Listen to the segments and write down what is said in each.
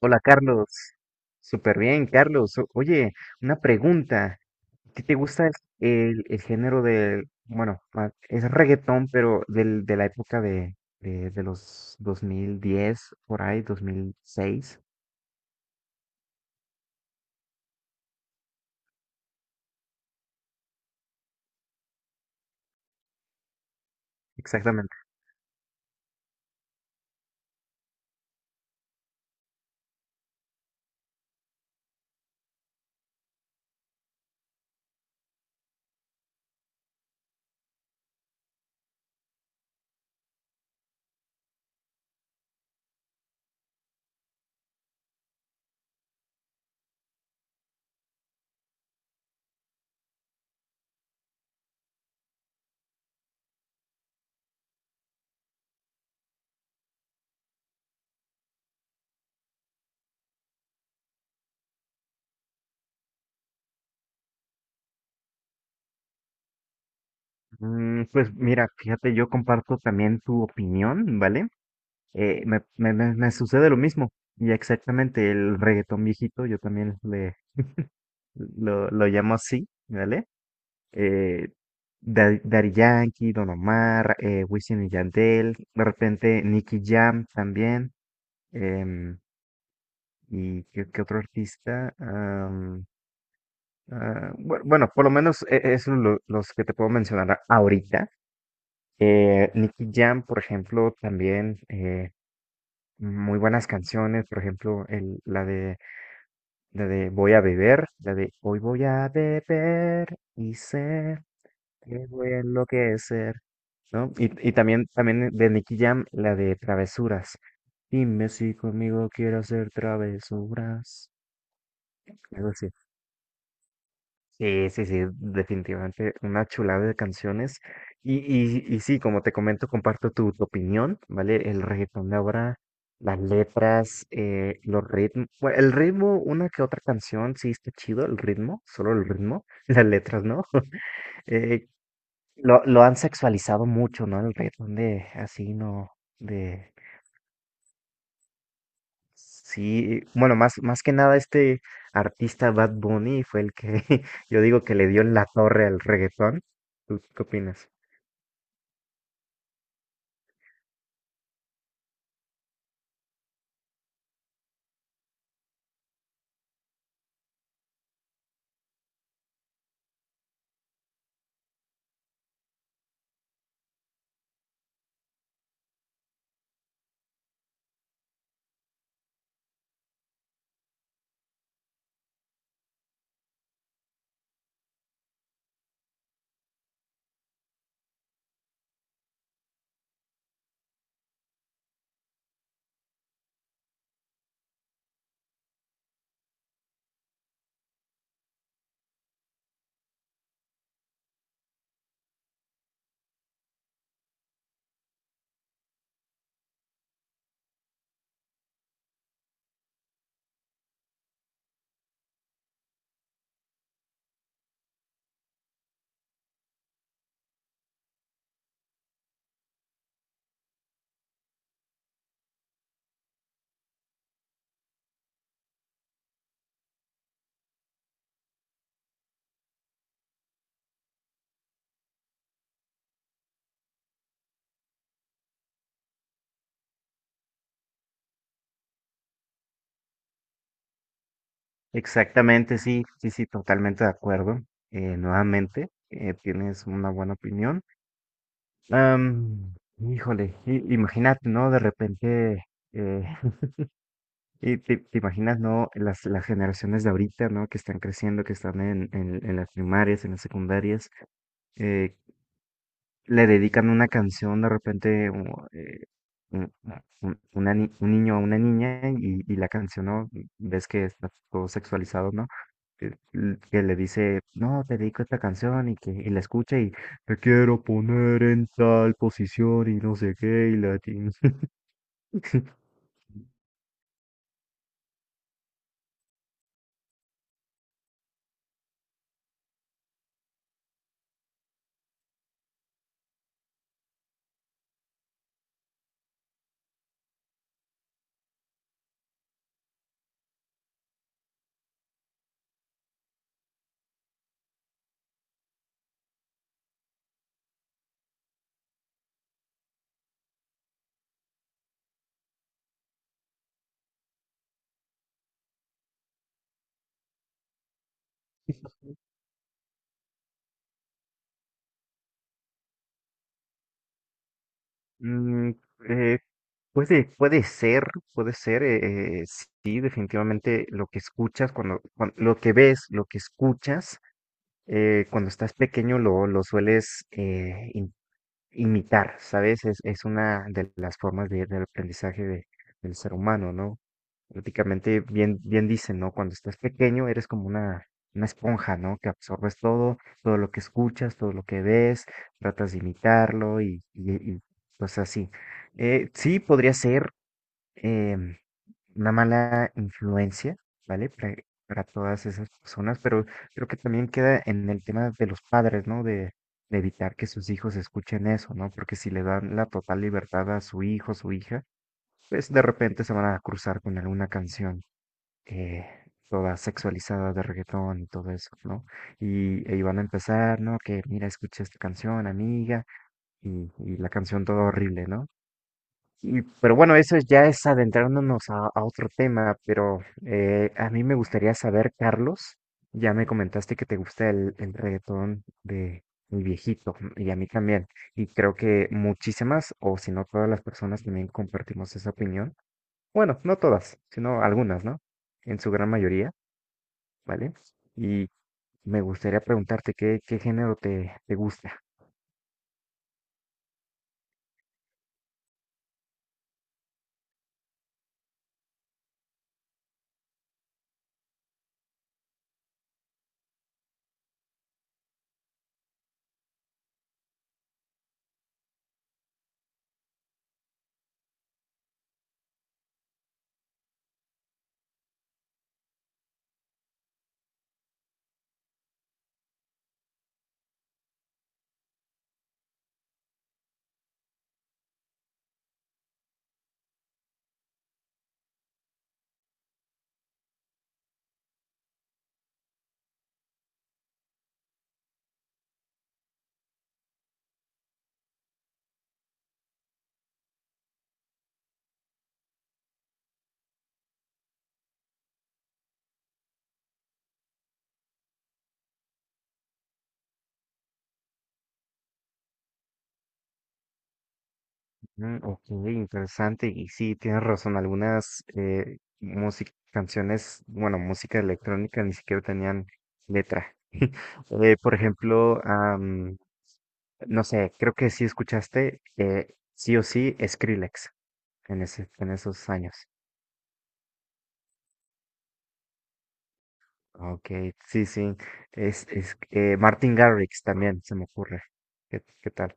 Hola Carlos, súper bien Carlos. Oye, una pregunta, ¿qué te gusta el género del, es reggaetón, pero de la época de los 2010 por ahí, ¿dos mil seis? ¿Exactamente? Pues mira, fíjate, yo comparto también tu opinión, ¿vale? Me sucede lo mismo, y exactamente el reggaetón viejito, yo también lo llamo así, ¿vale? eh, Daddy Yankee, Don Omar, Wisin y Yandel, de repente Nicky Jam también. em, ¿Qué otro artista? Bueno, por lo menos es los que te puedo mencionar ahorita. Nicky Jam, por ejemplo, también, muy buenas canciones. Por ejemplo, la de la de Voy a beber, la de Hoy voy a beber y sé me voy a enloquecer, ¿no? Y también, también de Nicky Jam, la de Travesuras. Dime si conmigo quiero hacer travesuras. Algo así. Sí, sí, sí, definitivamente una chulada de canciones. Y sí, como te comento, comparto tu opinión, ¿vale? El reggaetón de ahora, las letras, los ritmos. Bueno, el ritmo, una que otra canción, sí está chido, el ritmo, solo el ritmo, las letras, ¿no? Eh, lo han sexualizado mucho, ¿no? El reggaetón de así, ¿no? De... Sí, bueno, más que nada este artista Bad Bunny fue el que yo digo que le dio en la torre al reggaetón. ¿Tú qué opinas? Exactamente, sí, sí, sí, totalmente de acuerdo. Nuevamente, tienes una buena opinión. Híjole, imagínate, ¿no? De repente, eh, y te imaginas, ¿no? Las generaciones de ahorita, ¿no? Que están creciendo, que están en las primarias, en las secundarias, eh, le dedican una canción de repente, o, un, un- una ni- un niño a una niña, y la canción, ¿no? Ves que está todo sexualizado, ¿no? Que, que le dice, no, te dedico esta canción, y que y la escucha, y te quiero poner en tal posición y no sé qué y la... ti- Mm, eh, puede, puede ser, sí, definitivamente lo que escuchas. Lo que ves, lo que escuchas, cuando estás pequeño lo sueles imitar, ¿sabes? Es una de las formas del aprendizaje del ser humano, ¿no? Prácticamente bien, bien dicen, ¿no? Cuando estás pequeño eres como una esponja, ¿no? Que absorbes todo, todo lo que escuchas, todo lo que ves, tratas de imitarlo y, y pues así. Sí, podría ser em, una mala influencia, ¿vale? Para todas esas personas, pero creo que también queda en el tema de los padres, ¿no? De evitar que sus hijos escuchen eso, ¿no? Porque si le dan la total libertad a su hijo o su hija, pues de repente se van a cruzar con alguna canción eh, toda sexualizada de reggaetón y todo eso, ¿no? Y van a empezar, ¿no? Que mira, escucha esta canción, amiga, y la canción toda horrible, ¿no? Y, pero bueno, eso ya es adentrándonos a otro tema. Pero a mí me gustaría saber, Carlos, ya me comentaste que te gusta el reggaetón de mi viejito, y a mí también, y creo que muchísimas, o si no todas las personas también compartimos esa opinión. Bueno, no todas, sino algunas, ¿no? En su gran mayoría, ¿vale? Y me gustaría preguntarte qué género te gusta. Ok, interesante. Y sí, tienes razón. Algunas canciones, bueno, música electrónica ni siquiera tenían letra. Por ejemplo, no sé, creo que sí escuchaste, sí o sí, Skrillex en esos años. Ok, sí, sí. Martin Garrix también, se me ocurre. Qué tal?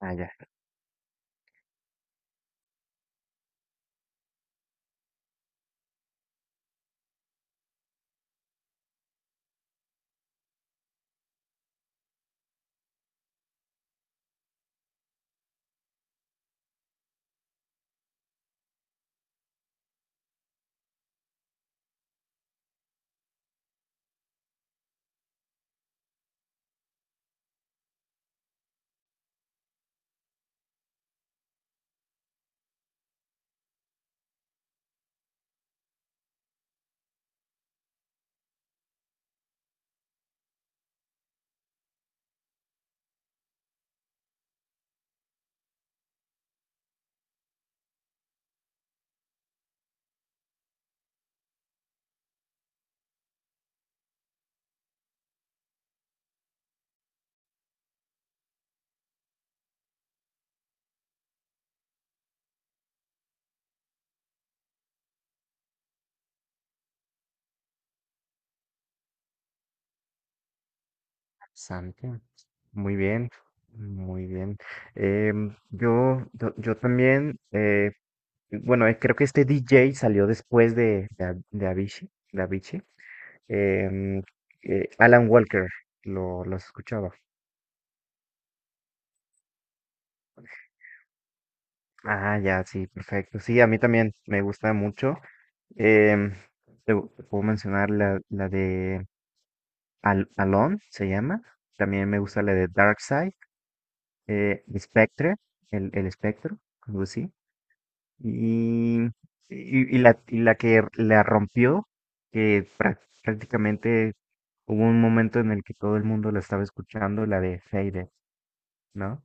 Ah, ya. Santi, muy bien, muy bien. Yo también, bueno, creo que este DJ salió después de Avicii. Em, Alan Walker, lo has escuchado. Ah, ya, sí, perfecto. Sí, a mí también me gusta mucho. Em, Te puedo mencionar la de Al Alone, se llama. También me gusta la de Dark Side, Spectre, el espectro, algo así. Y, y, y la que la rompió, que prácticamente hubo un momento en el que todo el mundo la estaba escuchando, la de Faded, ¿no?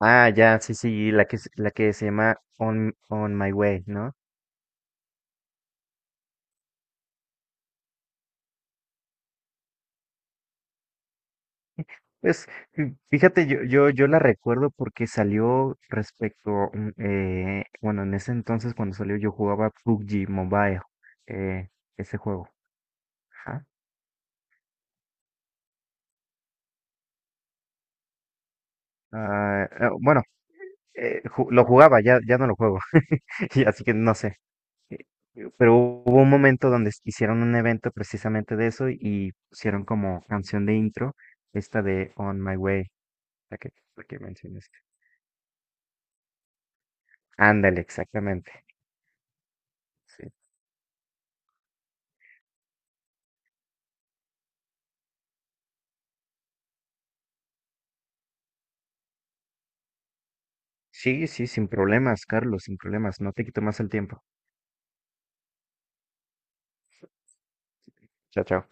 Ah, ya, sí, sí, la que, la que se llama On My Way, ¿no? Pues fíjate, yo la recuerdo porque salió respecto, bueno, en ese entonces cuando salió yo jugaba PUBG Mobile, eh, ese juego. Ajá. Bueno, lo jugaba, ya no lo juego. Y así que no sé. eh, Pero hubo un momento donde hicieron un evento precisamente de eso y pusieron como canción de intro esta de On My Way, la que, la que mencionaste. Ándale, exactamente. Sí. Sí, sí, sin problemas, Carlos, sin problemas. No te quito más el tiempo. Chao, chao.